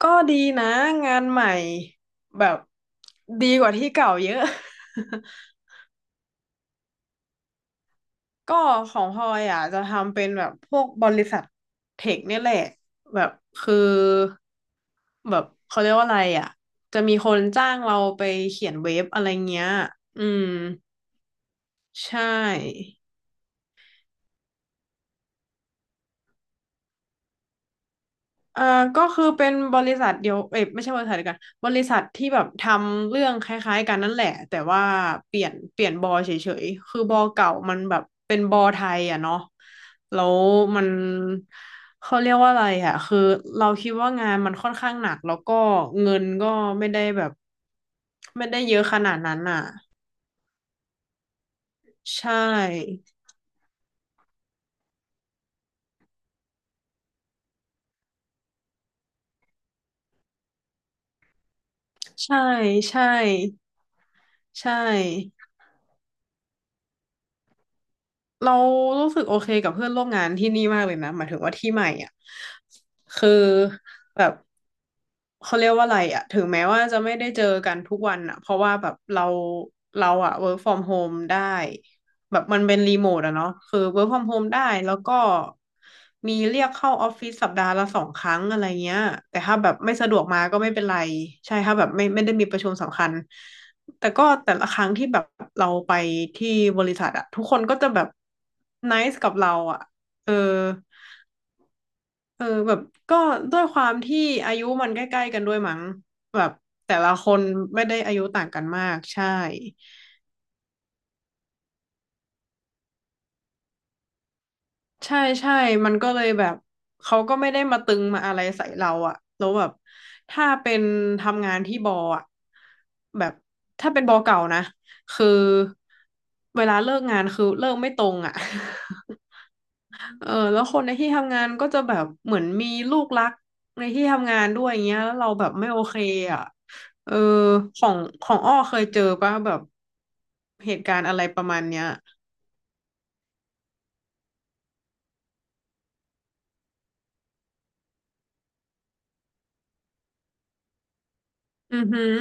ก็ดีนะงานใหม่แบบดีกว่าที่เก่าเยอะ ก็ของพลอยอ่ะจะทำเป็นแบบพวกบริษัทเทคเนี่ยแหละแบบคือแบบเขาเรียกว่าอะไรอ่ะจะมีคนจ้างเราไปเขียนเว็บอะไรเงี้ยอืมใช่ เอ่อก็คือเป็นบริษัทเดียวเอ้ยไม่ใช่บริษัทเดียวกันบริษัทที่แบบทำเรื่องคล้ายๆกันนั่นแหละแต่ว่าเปลี่ยนบอเฉยๆคือบอเก่ามันแบบเป็นบอไทยอ่ะเนาะแล้วมันเขาเรียกว่าอะไรอ่ะคือเราคิดว่างานมันค่อนข้างหนักแล้วก็เงินก็ไม่ได้แบบไม่ได้เยอะขนาดนั้นอ่ะใช่ใช่ใช่ใช่ เรารู้สึกโอเคกับเพื่อนร่วมงานที่นี่มากเลยนะหมายถึงว่าที่ใหม่อ่ะคือแบบเขาเรียกว่าอะไรอ่ะถึงแม้ว่าจะไม่ได้เจอกันทุกวันอ่ะเพราะว่าแบบเราอ่ะ work from home ได้แบบมันเป็นรีโมทอะเนาะคือ work from home ได้แล้วก็มีเรียกเข้าออฟฟิศสัปดาห์ละสองครั้งอะไรเงี้ยแต่ถ้าแบบไม่สะดวกมาก็ไม่เป็นไรใช่ถ้าแบบไม่ได้มีประชุมสำคัญ แต่ก็แต่ละครั้งที่แบบเราไปที่บริษัทอะทุกคนก็จะแบบไนซ์กับเราอะเออเออแบบก็ด้วยความที่อายุมันใกล้ๆกันด้วยมั้งแบบแต่ละคนไม่ได้อายุต่างกันมากใช่ใช่ใช่มันก็เลยแบบเขาก็ไม่ได้มาตึงมาอะไรใส่เราอะแล้วแบบถ้าเป็นทำงานที่บออะแบบถ้าเป็นบอเก่านะคือเวลาเลิกงานคือเลิกไม่ตรงอะ เออแล้วคนในที่ทำงานก็จะแบบเหมือนมีลูกรักในที่ทำงานด้วยอย่างเงี้ยแล้วเราแบบไม่โอเคอ่ะเออของของอ้อเคยเจอป่ะแบบเหตุการณ์อะไรประมาณเนี้ยอือหือ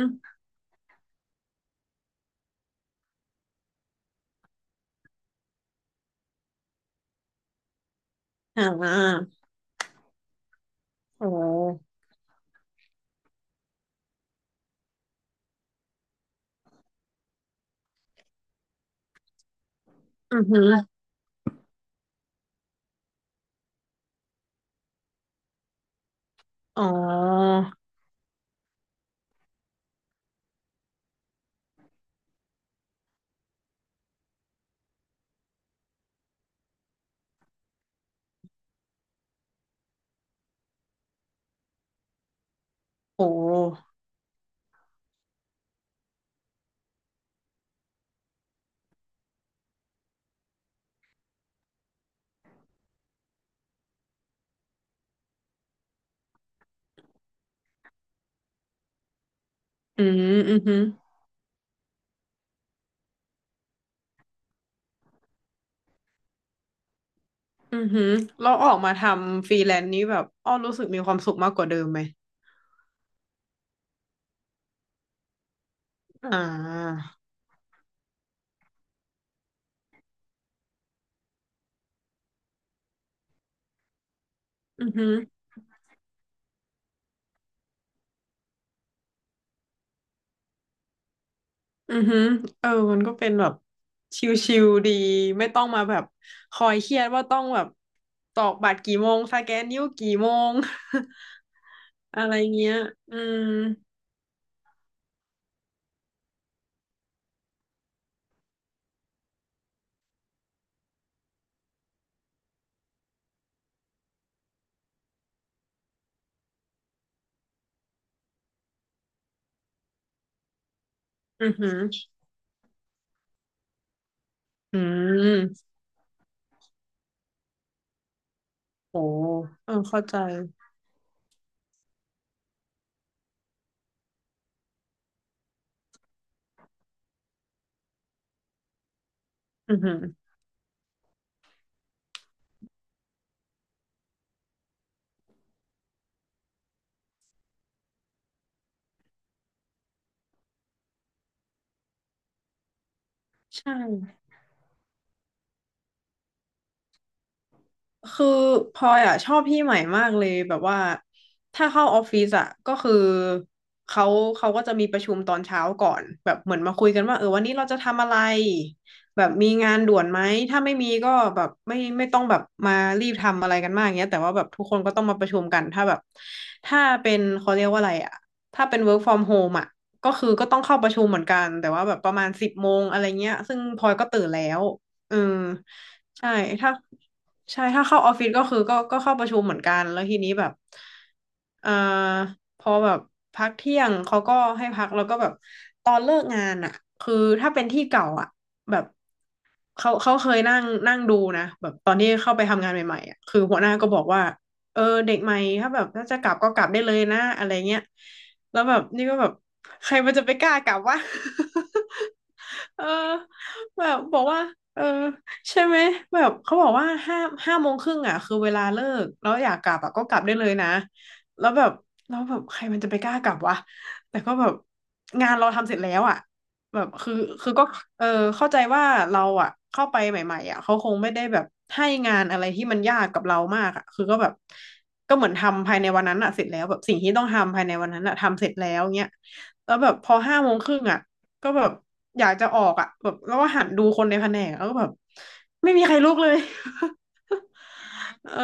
อ่าโอ้อือหืออ๋อโอ้อืมอือหืออือหือเราออกมาทำฟรีแลนซ์นี้แบบอ้อรู้สึกมีความสุขมากกว่าเดิมไหมอ่าอือหือ อือฮึเออมันก็เป็นแบบชิลๆดีไม่ต้องมาแบบคอยเครียดว่าต้องแบบตอกบัตรกี่โมงสแกนนิ้วกี่โมง อะไรเงี้ย อืมอือฮึออืมโหเออเข้าใจอือฮึใช่ คือพลอยอ่ะชอบพี่ใหม่มากเลยแบบว่าถ้าเข้าออฟฟิศอ่ะก็คือเขาเขาก็จะมีประชุมตอนเช้าก่อนแบบเหมือนมาคุยกันว่าเออวันนี้เราจะทำอะไรแบบมีงานด่วนไหมถ้าไม่มีก็แบบไม่ต้องแบบมารีบทำอะไรกันมากเงี้ยแต่ว่าแบบทุกคนก็ต้องมาประชุมกันถ้าแบบถ้าเป็นเขาเรียกว่าอะไรอ่ะถ้าเป็น work from home อ่ะก็คือก็ต้องเข้าประชุมเหมือนกันแต่ว่าแบบประมาณสิบโมงอะไรเงี้ยซึ่งพลอยก็ตื่นแล้วเออใช่ถ้า ใช่ถ้าเข้าออฟฟิศก็คือก็เข้าประชุมเหมือนกันแล้วทีนี้แบบเอ่อพอแบบพักเที่ยงเขาก็ให้พักแล้วก็แบบตอนเลิกงานอ่ะคือถ้าเป็นที่เก่าอ่ะแบบเขาเคยนั่งนั่งดูนะแบบตอนที่เข้าไปทำงานใหม่ๆอ่ะคือหัวหน้าก็บอกว่าเออเด็กใหม่ถ้าแบบถ้าจะกลับก็กลับได้เลยนะอะไรเงี้ยแล้วแบบนี่ก็แบบใครมันจะไปกล้ากลับวะ เออแบบบอกว่าเออ ใช่ไหมแบบเขาบอกว่าห้าโมงครึ่งอ่ะคือเวลาเลิกแล้วอยากกลับอ่ะก็กลับได้เลยนะแล้วแบบแล้วแบบใครมันจะไปกล้ากลับวะแต่ก็แบบงานเราทำเสร็จแล้วอ่ะแบบคือคือก็เออเข้าใจว่าเราอ่ะเข้าไปใหม่ๆอ่ะเขาคงไม่ได้แบบให้งานอะไรที่มันยากกับเรามากอ่ะคือก็แบบก็เหมือนทำภายในวันนั้นอ่ะเสร็จแล้วแบบสิ่งที่ต้องทำภายในวันนั้นอ่ะทำเสร็จแล้วเงี้ยแล้วแบบพอห้าโมงครึ่งอ่ะ ก็แบบอยากจะออกอ่ะแบบแล้วก็หันดูคนในแผนกแล้วก็แบบไม่มีใครลุกเลย เอ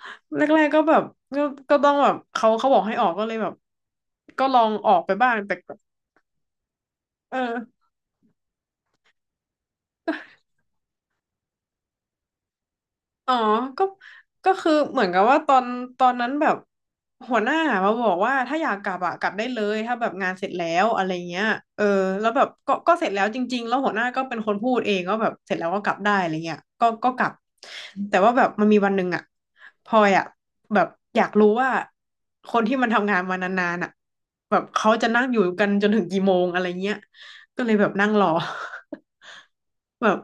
อแรกๆก็แบบก็ก็ต้องแบบเขาบอกให้ออกก็เลยแบบก็ลองออกไปบ้างแต่ก็เออ อ๋อก็ก็คือเหมือนกับว่าตอนนั้นแบบหัวหน้ามาบอกว่าถ้าอยากกลับอะกลับได้เลยถ้าแบบงานเสร็จแล้วอะไรเงี้ยเออแล้วแบบก็เสร็จแล้วจริงๆแล้วหัวหน้าก็เป็นคนพูดเองก็แบบเสร็จแล้วก็กลับได้อะไรเงี้ยก็กลับแต่ว่าแบบมันมีวันหนึ่งอะพลอยอะแบบอยากรู้ว่า คนที่มันทำงานมานานๆอะแบบเขาจะนั่งอยู่กันจนถึงกี่โมงอะไรเงี้ยก็เลยแบบนั่งรอ แบบ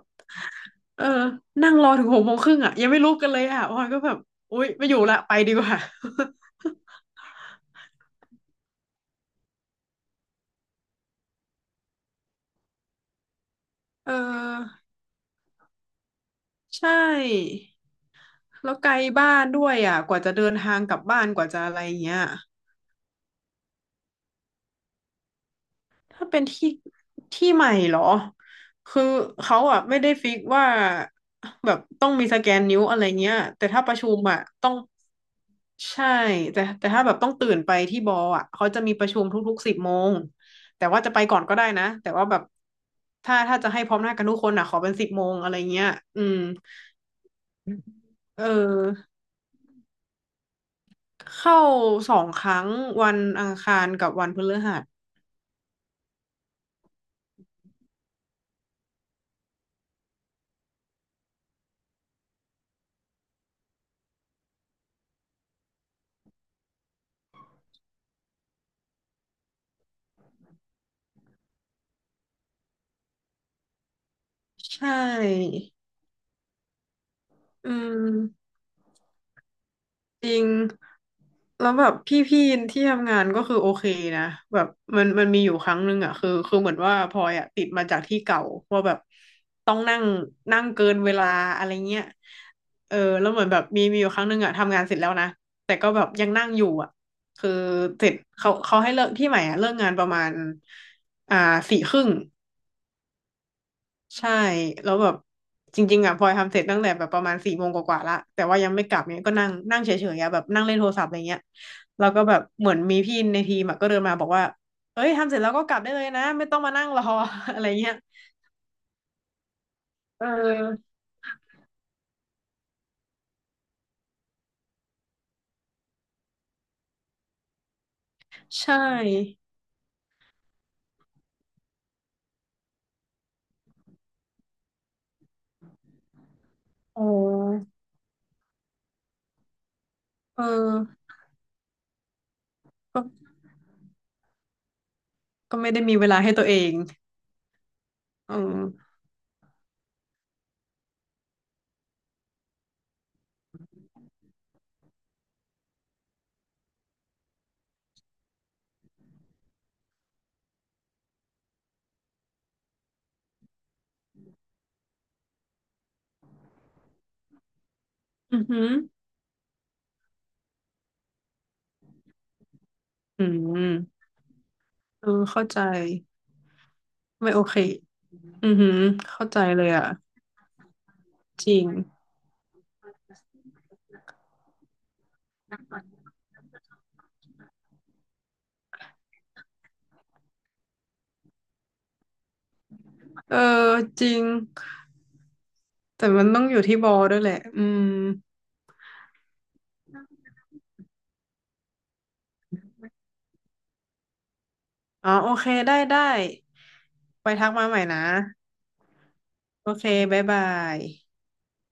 เออนั่งรอถึง6 โมงครึ่งอ่ะยังไม่ลุกกันเลยอ่ะพลอยก็แบบอุ๊ยไม่อยู่ละไปดีกว่า เออใช่แล้วไกลบ้านด้วยอ่ะกว่าจะเดินทางกลับบ้านกว่าจะอะไรเงี้ยถ้าเป็นที่ที่ใหม่เหรอคือเขาอ่ะไม่ได้ฟิกว่าแบบต้องมีสแกนนิ้วอะไรเงี้ยแต่ถ้าประชุมอ่ะต้อง ใช่แต่ถ้าแบบต้องตื่นไปที่บออ่ะเขาจะมีประชุมทุกๆสิบโมงแต่ว่าจะไปก่อนก็ได้นะแต่ว่าแบบถ้าจะให้พร้อมหน้ากันทุกคนอ่ะขอเป็นสิบโมงอะไรเงี้ยอืมเออเข้า2 ครั้งวันอังคารกับวันพฤหัสใช่อืม จริงแล้วแบบพี่ๆที่ทำงานก็คือโอเคนะแบบมันมีอยู่ครั้งหนึ่งอ่ะคือเหมือนว่าพลอยอ่ะติดมาจากที่เก่าว่าแบบต้องนั่งนั่งเกินเวลาอะไรเงี้ยเออแล้วเหมือนแบบมีอยู่ครั้งหนึ่งอ่ะทำงานเสร็จแล้วนะแต่ก็แบบยังนั่งอยู่อ่ะคือเสร็จเขาให้เลิกที่ใหม่อ่ะเลิกงานประมาณอ่า4 ครึ่ง ใช่แล้วแบบจริงๆอ่ะพลอยทำเสร็จตั้งแต่แบบประมาณ4 โมงกว่าๆละแต่ว่ายังไม่กลับเนี่ยก็นั่งนั่งเฉยๆอะแบบนั่งเล่นโทรศัพท์อะไรเงี้ยแล้วก็แบบเหมือนมีพี่ในทีมอะก็เดินมาบอกว่าเอ้ยทำเสร็จแล้วก็กลับได้เลยนะไม่ต้องมานั่งรอ อะไรเงี้ยเออใช่โอ้เออก็ก็ไม่ได้มีเวลาให้ตัวเองเอออือหืออืมเออเข้าใจไม่โอเคอือหือเข้าใจเลยอ่ะจริงเออจริง แต่มันต้องอยู่ที่บอลด้วยแหละอืมอ๋อโอเคได้ได้ ไปทักมาใหม่นะโอเคบ๊ายบาย